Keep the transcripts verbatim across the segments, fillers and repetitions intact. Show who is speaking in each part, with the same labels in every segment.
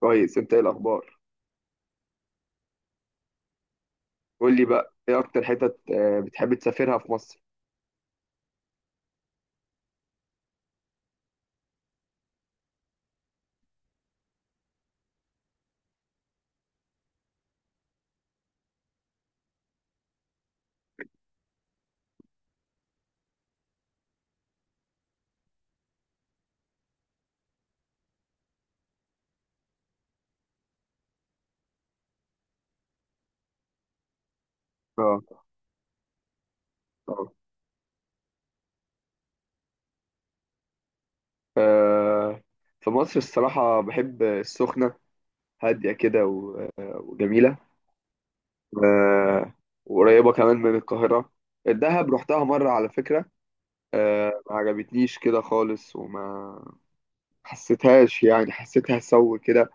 Speaker 1: كويس. انت ايه الاخبار؟ قول لي بقى، ايه اكتر حتت آه، بتحب تسافرها في مصر؟ اه، طبعا. آه، في مصر الصراحة بحب السخنة. هادية كده و- وجميلة. آه، وقريبة كمان من القاهرة. الدهب رحتها مرة على فكرة. آه، ما عجبتنيش كده خالص، وما حسيتهاش، يعني حسيتها سو كده،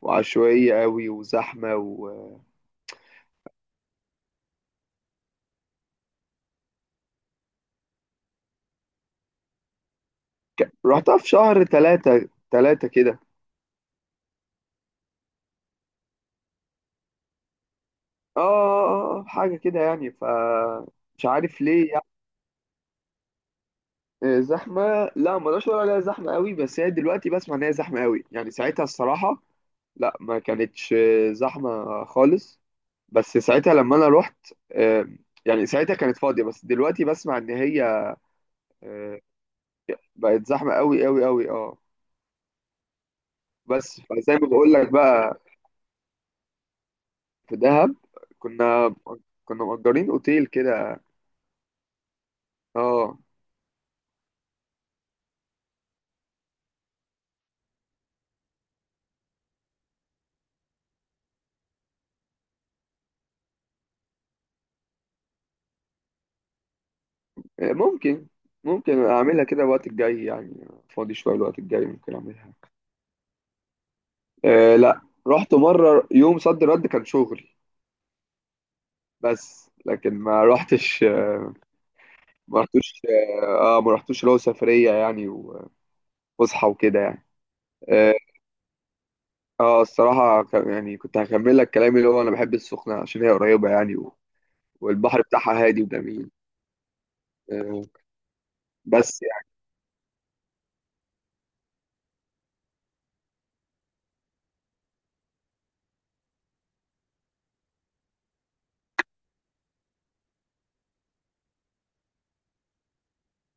Speaker 1: وعشوائية قوي، وزحمة و... ك- رحتها في شهر تلاتة تلاتة كده. اه آه، آه، حاجة كده يعني. ف مش عارف ليه يعني. آه، زحمة. لا، ما اقدرش اقول عليها زحمة قوي، بس هي دلوقتي بسمع ان هي زحمة قوي. يعني ساعتها الصراحة، لا، ما كانتش آه، زحمة خالص. بس ساعتها لما انا رحت، آه، يعني ساعتها كانت فاضية. بس دلوقتي بسمع ان هي آه، بقت زحمة قوي قوي قوي، اه. بس فزي ما بقول لك بقى، في دهب كنا كنا مأجرين اوتيل كده. اه. ممكن ممكن اعملها كده الوقت الجاي، يعني فاضي شويه الوقت الجاي ممكن اعملها. أه، لا. رحت مره يوم صد رد، كان شغلي. بس لكن ما رحتش. ما رحتوش. اه، ما رحتوش اللي هو سفريه يعني، وفسحه وكده يعني. اه. آه، الصراحه كان- يعني كنت هكمل لك كلامي، اللي هو انا بحب السخنه عشان هي قريبه يعني. و- والبحر بتاعها هادي وجميل. أه. بس يعني،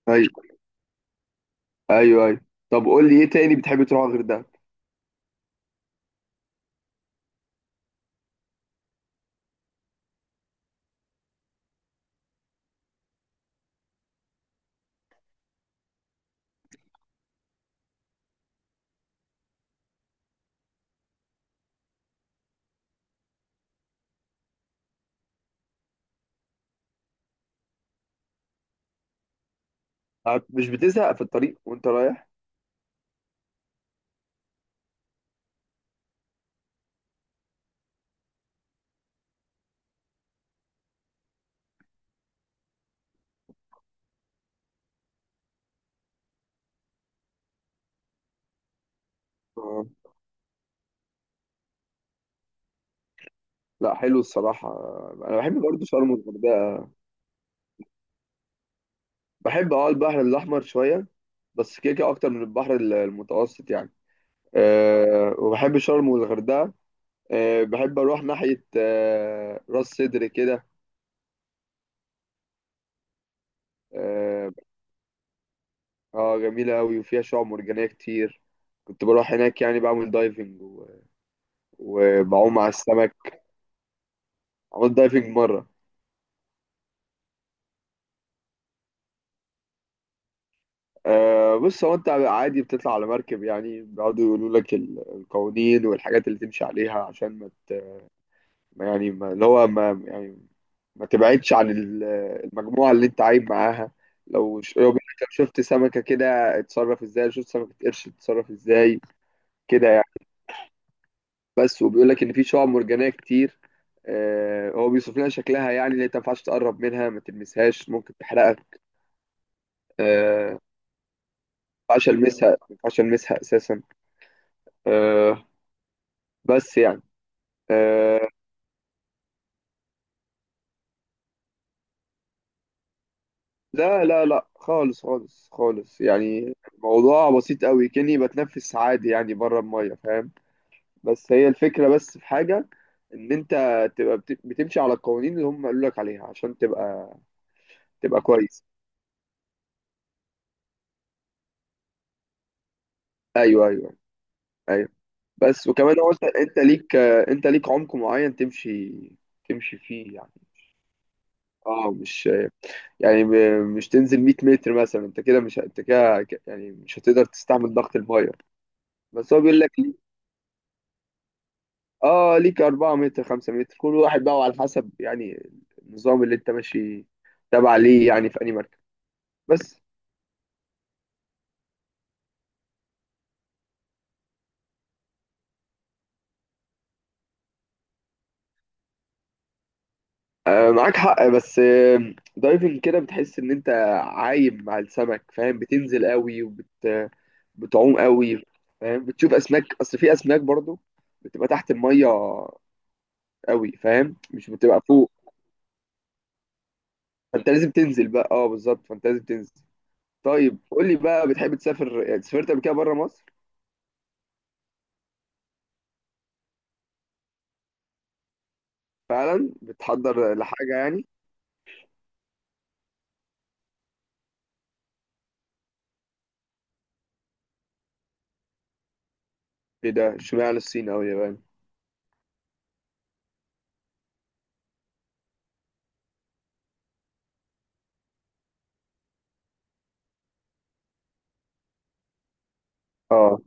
Speaker 1: ايوه، ايوه، ايوه. طب قول لي ايه تاني بتحب تروح غير ده؟ آه، مش بتزهق في الطريق وانت رايح؟ آه. لا، حلو الصراحة. أنا بحب برضه شرم والغردقة. بحب أه البحر الأحمر شوية. بس كده كده أكتر من البحر ال- المتوسط يعني. أه، وبحب شرم والغردقة. أه، بحب أروح ناحية أه راس سدر كده. أه. آه، جميلة أوي وفيها شعاب مرجانية كتير. كنت بروح هناك، يعني بعمل دايفنج و- وبعوم على السمك. عملت دايفنج مرة. أه، بص، هو أنت عادي بتطلع على مركب، يعني بيقعدوا يقولوا لك ال- القوانين والحاجات اللي تمشي عليها، عشان ما، ما يعني، ما اللي هو ما يعني، ما تبعدش عن ال- المجموعة اللي انت عايب معاها. لو ش- لو بيقولك، لو شفت سمكة كده اتصرف ازاي، لو شفت سمكة قرش اتصرف ازاي، كده يعني. بس وبيقول لك ان في شعاب مرجانية كتير. آه، هو بيوصف لنا شكلها، يعني اللي انت ما ينفعش تقرب منها، ما تلمسهاش، ممكن تحرقك. آه. ما ينفعش المسها ما ينفعش المسها اساسا. آه. بس يعني، آه، لا لا لا، خالص خالص خالص، يعني الموضوع بسيط قوي كأني بتنفس عادي يعني بره المية، فاهم؟ بس هي الفكرة، بس في حاجة، ان انت تبقى بت- بتمشي على القوانين اللي هم قالوا لك عليها، عشان تبقى، تبقى كويس. ايوه، ايوه، ايوه. بس وكمان هو انت انت ليك، انت ليك عمق معين تمشي تمشي فيه يعني. اه، مش يعني ب- مش تنزل 100 متر مثلا، انت كده مش انت كده يعني مش هتقدر تستحمل ضغط المية. بس هو بيقول لك، اه، ليك 4 متر، 5 متر، كل واحد بقى على حسب يعني، النظام اللي انت ماشي تابع ليه يعني في انهي مركب. بس، آه معاك حق. بس آه دايفنج كده بتحس ان انت عايم مع السمك، فاهم؟ بتنزل قوي وبت بتعوم قوي، فاهم؟ بتشوف اسماك، اصل في اسماك برضو بتبقى تحت المية قوي، فاهم؟ مش بتبقى فوق. فانت لازم تنزل بقى، اه، بالظبط، فانت لازم تنزل. طيب قول لي بقى، بتحب تسافر؟ سافرت قبل كده بره مصر؟ فعلا بتحضر لحاجة يعني؟ ايه ده؟ اشمعنى الصين او اليابان؟ اه،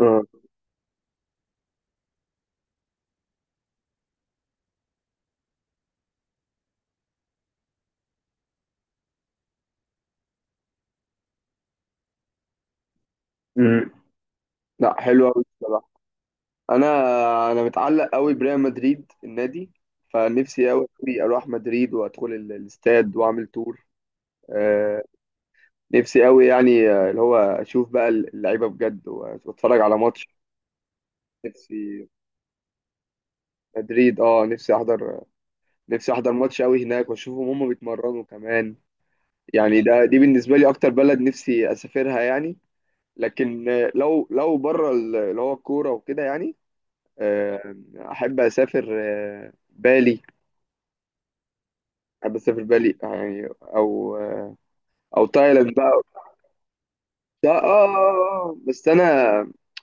Speaker 1: اه. مم. لا، حلو قوي بصراحه. انا انا متعلق قوي بريال مدريد النادي، فنفسي قوي اروح مدريد وادخل ال- الاستاد واعمل تور. آه، نفسي قوي يعني، آه، اللي هو اشوف بقى اللعيبه بجد واتفرج على ماتش. نفسي مدريد، اه، نفسي احضر نفسي احضر ماتش قوي هناك واشوفهم هم بيتمرنوا كمان. يعني ده دي بالنسبه لي اكتر بلد نفسي اسافرها يعني. لكن آه، لو لو بره ال- اللي هو الكوره وكده يعني، آه، احب اسافر آه، بالي. احب اسافر بالي يعني، او آه، او تايلاند بقى. ده، اه آه، آه. آه. بس انا،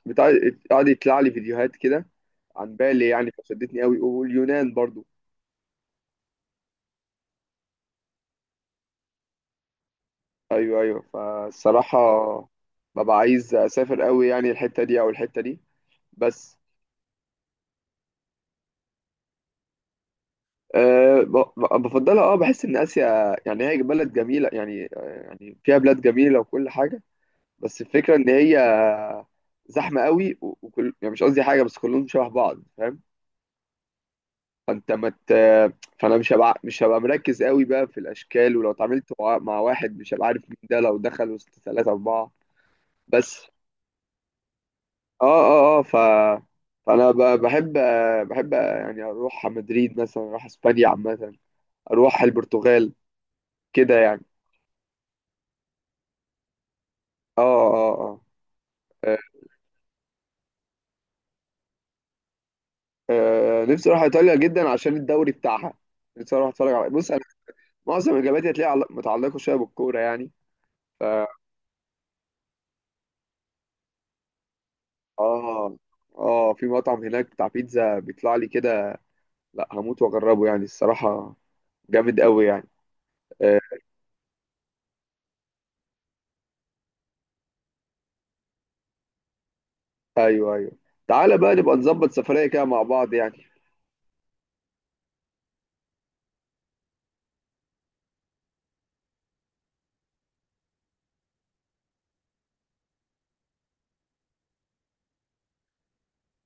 Speaker 1: بتاع، قاعد يطلع لي فيديوهات كده عن بالي يعني، فشدتني قوي، واليونان برضو. ايوه، ايوه، فالصراحه ببقى عايز اسافر قوي يعني الحته دي او الحته دي. بس، أه، ب- ب- بفضلها، اه بحس ان اسيا يعني هي بلد جميله يعني، آه، يعني فيها بلاد جميله وكل حاجه. بس الفكرة إن هي زحمة قوي، و- وكل، يعني مش قصدي حاجة، بس كلهم شبه بعض، فاهم؟ فأنت ما مت... فأنا مش هبقى مش هبقى مركز قوي بقى في الأشكال، ولو اتعاملت مع مع واحد مش هبقى عارف مين ده لو دخل وسط ثلاثة أربعة. بس آه آه آه ف فأنا ب- بحب بحب يعني أروح على مدريد مثلا، أروح إسبانيا عامة، أروح البرتغال كده يعني. آه آه آه آه، آه، نفسي اروح ايطاليا جدا عشان الدوري بتاعها. نفسي اروح اتفرج على، بص، معظم اجاباتي هتلاقيها عل- متعلقه شويه بالكوره يعني. ف اه اه في مطعم هناك بتاع بيتزا بيطلع لي كده. لا، هموت واجربه يعني الصراحه، جامد قوي يعني. آه. ايوه، ايوه. تعالى بقى نبقى نظبط سفريه كده مع بعض يعني.